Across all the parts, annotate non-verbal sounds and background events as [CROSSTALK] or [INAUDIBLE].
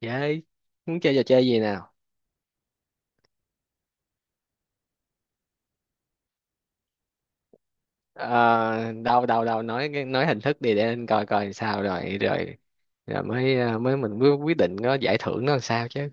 Chơi, muốn chơi trò chơi gì nào? Ờ, đâu đâu đâu nói hình thức đi để anh coi coi sao rồi rồi rồi mới mới mình quyết định có giải thưởng nó làm sao chứ.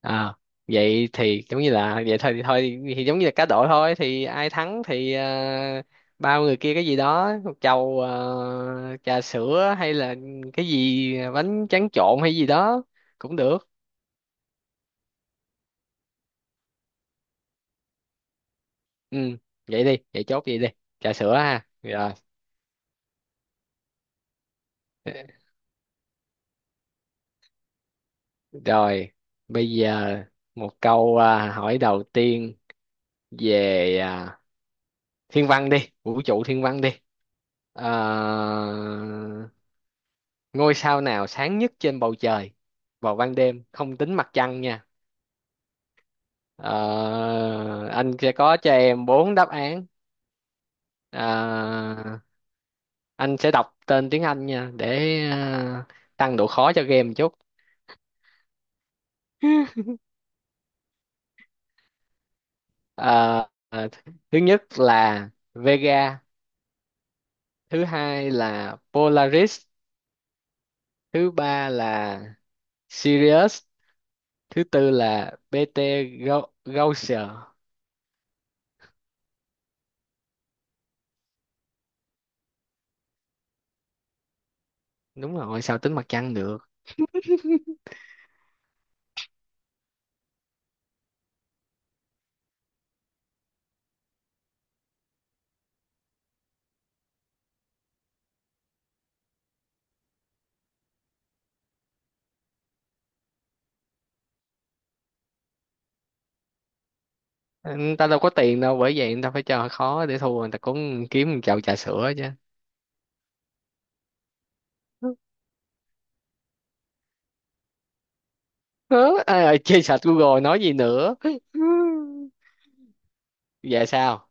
Ờ, Vậy thì giống như là vậy thôi thì giống như là cá độ thôi thì ai thắng thì bao người kia cái gì đó một chầu trà sữa hay là cái gì bánh tráng trộn hay gì đó cũng được. Ừ, vậy đi, vậy chốt vậy đi. Trà sữa ha. Rồi. Rồi, bây giờ một câu à, hỏi đầu tiên về à, thiên văn đi, vũ trụ thiên văn đi. À, ngôi sao nào sáng nhất trên bầu trời vào ban đêm, không tính mặt trăng nha. Ờ, anh sẽ có cho em bốn đáp án. À, anh sẽ đọc tên tiếng Anh nha để à, tăng độ khó cho game một chút. [LAUGHS] Ờ, ờ, thứ nhất là Vega, thứ hai là Polaris, thứ ba là Sirius, thứ tư là BT Gaussian. Đúng rồi, sao tính mặt trăng được? [LAUGHS] người ta đâu có tiền đâu, bởi vậy người ta phải cho khó, để thua người ta cũng kiếm một chậu trà sữa chứ. Hớ, ai ơi, chơi sạch, Google nói gì nữa. Vậy sao.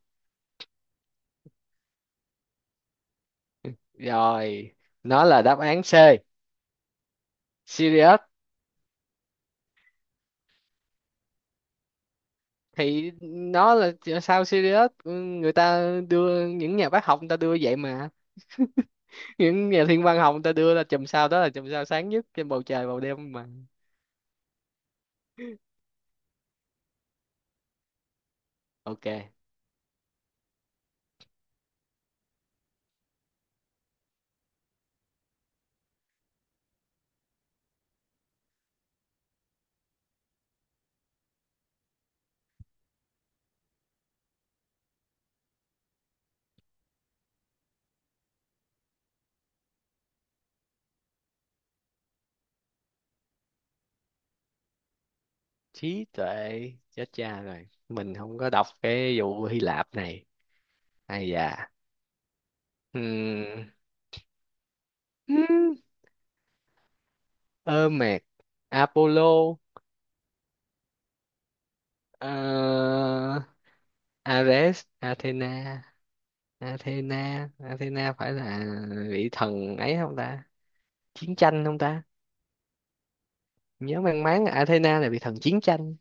Rồi, nó là đáp án C, Sirius. Thì nó là sao Sirius. Ừ, người ta đưa, những nhà bác học người ta đưa vậy mà, những nhà thiên văn học người ta đưa ra chùm sao đó là chùm sao sáng nhất trên bầu trời vào đêm mà. Ok. Trí tuệ. Chết cha rồi, mình không có đọc cái vụ Hy Lạp này hay dạ. Ừm. Ừm. Ơ mệt. Apollo. Ờ, Ares, Athena. Athena phải là vị thần ấy không ta, chiến tranh không ta. Nhớ mang máng là Athena là vị thần chiến tranh.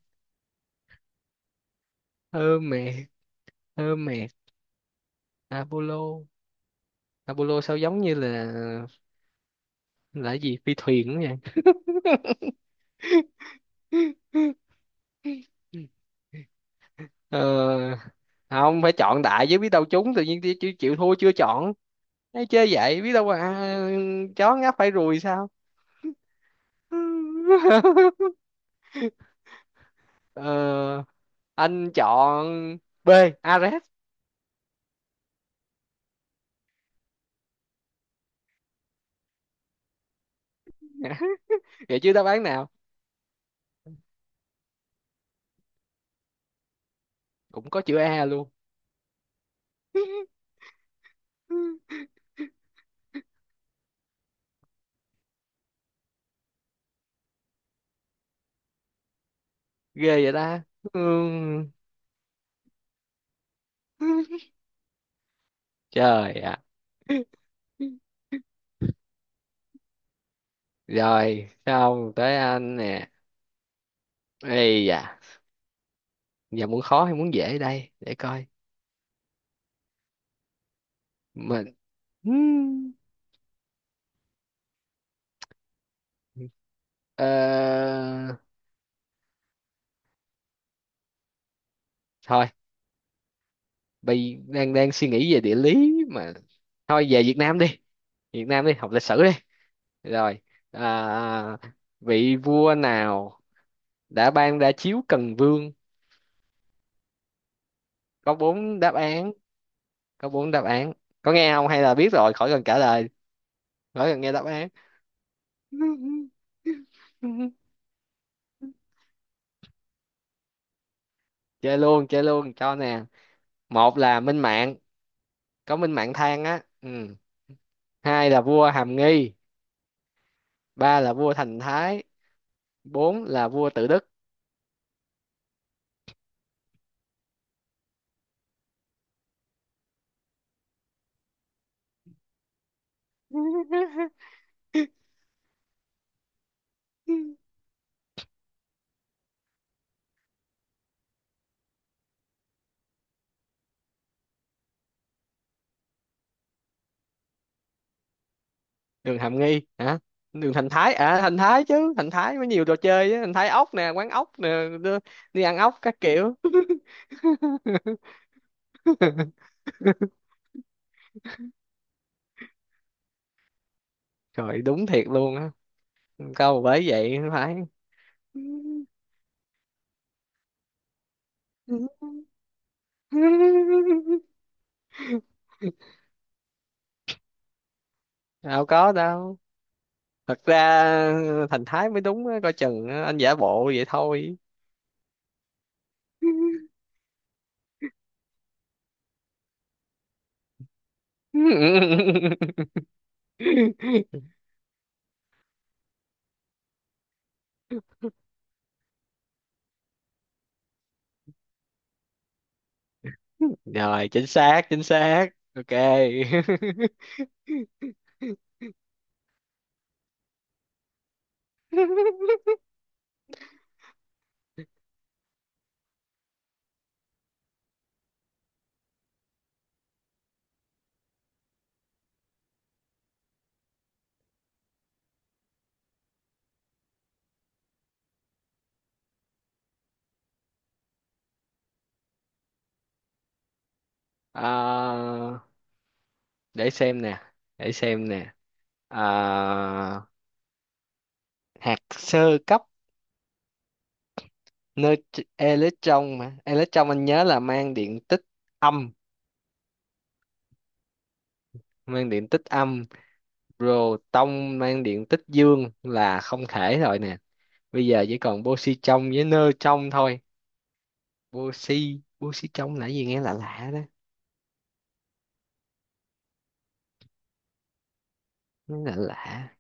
Ơ mệt, ơ mệt. Apollo. Apollo sao giống như là cái gì phi thuyền đó nha. [LAUGHS] ờ, không phải, chọn đại chứ biết đâu trúng, tự nhiên chịu, chịu thua chưa chọn. Ê, chơi vậy biết đâu à, chó ngáp phải ruồi sao. [LAUGHS] ờ, anh chọn B, Ares. [LAUGHS] vậy chứ đáp án nào cũng có chữ A luôn. [LAUGHS] ghê vậy ta. Ừ. Trời ạ. Rồi, xong tới anh nè. Ây da, giờ muốn khó hay muốn dễ đây? Để coi. Mình... Hmm. Ờ... Thôi, bây đang đang suy nghĩ về địa lý mà. Thôi về Việt Nam đi. Việt Nam đi, học lịch sử đi. Rồi, à, vị vua nào đã ban ra chiếu Cần Vương? Có bốn đáp án, có bốn đáp án. Có nghe không hay là biết rồi, khỏi cần trả lời, khỏi cần nghe đáp án. [LAUGHS] Chơi luôn cho nè. Một là Minh Mạng, có Minh Mạng than á ừ. Hai là vua Hàm Nghi, ba là vua Thành Thái, bốn là vua Tự Đức. [LAUGHS] đường Hàm Nghi hả. Đường Thành Thái, à Thành Thái chứ, Thành Thái mới nhiều trò chơi á, Thành Thái ốc nè, quán ốc nè. Đi đi ăn ốc các kiểu. [LAUGHS] trời đúng thiệt luôn á, câu bởi vậy phải. [LAUGHS] đâu có đâu, thật ra Thành Thái mới đúng á, coi chừng á, anh giả bộ vậy thôi. [LAUGHS] rồi chính xác, chính xác. Ok. [LAUGHS] Ờ, để xem nè, để xem nè. Ờ, hạt sơ cấp. Nơi electron, mà electron anh nhớ là mang điện tích âm, mang điện tích âm. Proton mang điện tích dương là không thể rồi. Bây giờ chỉ còn Boxy trong với nơ trong thôi. Boxy Boxy trong là gì, nghe lạ lạ đó. Nghe lạ lạ.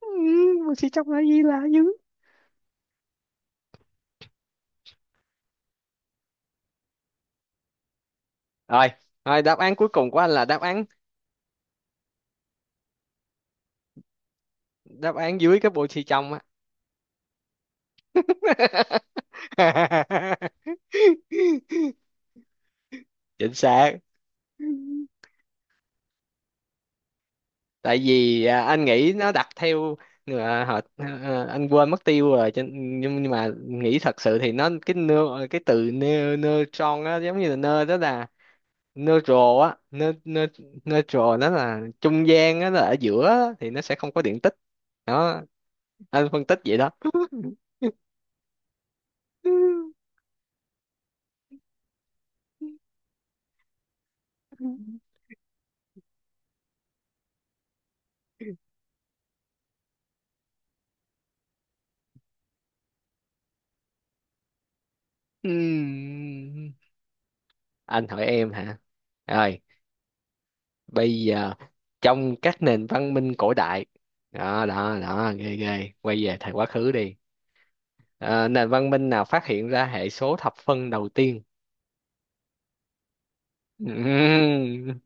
Ừ, Boxy trong là gì, lạ dữ. Rồi, rồi, đáp án cuối cùng của anh là đáp án, đáp án dưới cái Boxy trong á. [LAUGHS] chính xác. Tại vì à, anh nghĩ nó đặt theo à, họ à, anh quên mất tiêu rồi cho- nhưng mà nghĩ thật sự thì nó cái nơ, cái từ nơ, nơ tròn á, giống như là nơ đó là neutral á, ne, ne, neutral, nó là trung gian á, nó là ở giữa á, thì nó sẽ không có điện tích đó. Anh phân tích vậy đó. [LAUGHS] Ừm. Anh hỏi em hả. Rồi bây giờ, trong các nền văn minh cổ đại, đó đó đó ghê ghê, quay về thời quá khứ đi. Ờ, nền văn minh nào phát hiện ra hệ số thập phân đầu tiên? [LAUGHS] Ừm.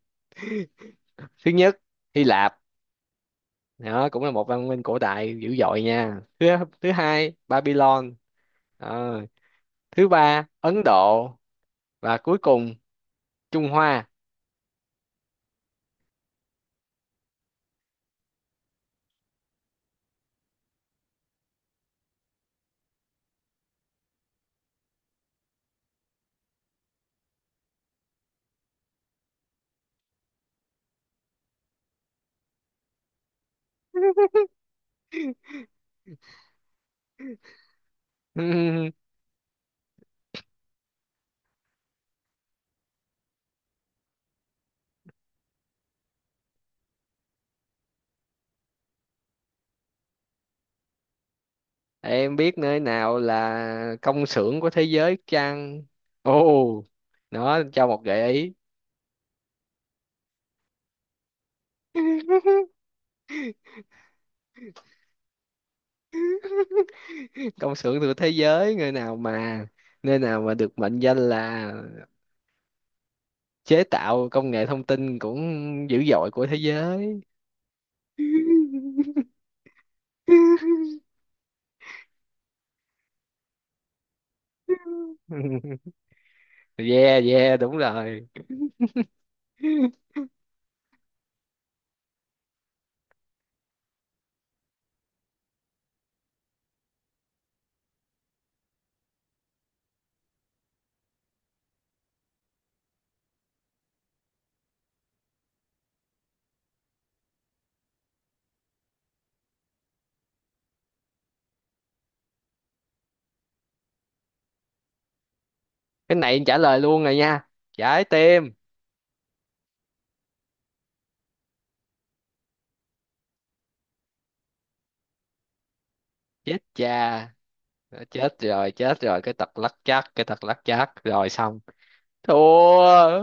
Thứ nhất Hy Lạp, đó cũng là một văn minh cổ đại dữ dội nha. Thứ Thứ hai Babylon. Ờ, thứ ba Ấn Độ, và cuối cùng Trung Hoa. [LAUGHS] Ừm, em biết nơi nào là công xưởng của thế giới chăng. Ồ, nó cho một gợi ý. [LAUGHS] công xưởng của thế giới, nơi nào mà, nơi nào mà được mệnh danh là chế tạo công nghệ thông tin cũng dữ dội của thế giới. [LAUGHS] yeah, yeah, đúng rồi. Cái này trả lời luôn rồi nha, trái tim. Chết cha. Đó, chết rồi, chết rồi, cái tật lắc chắc rồi xong. Thua.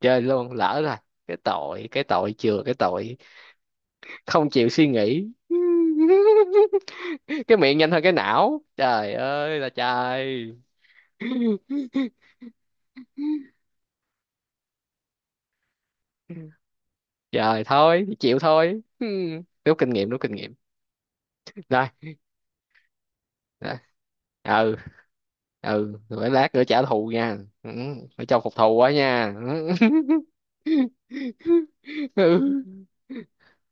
Chơi luôn lỡ rồi. Cái tội chừa cái tội không chịu suy nghĩ, cái miệng nhanh hơn cái não, trời ơi là trời. Trời thôi, thì chịu thôi. Ừ. Rút kinh nghiệm, rút kinh nghiệm. Rồi, rồi. Ừ, ừ, rồi lát nữa trả thù nha. Ừ. Phải cho phục thù quá nha. Ừ. [LAUGHS]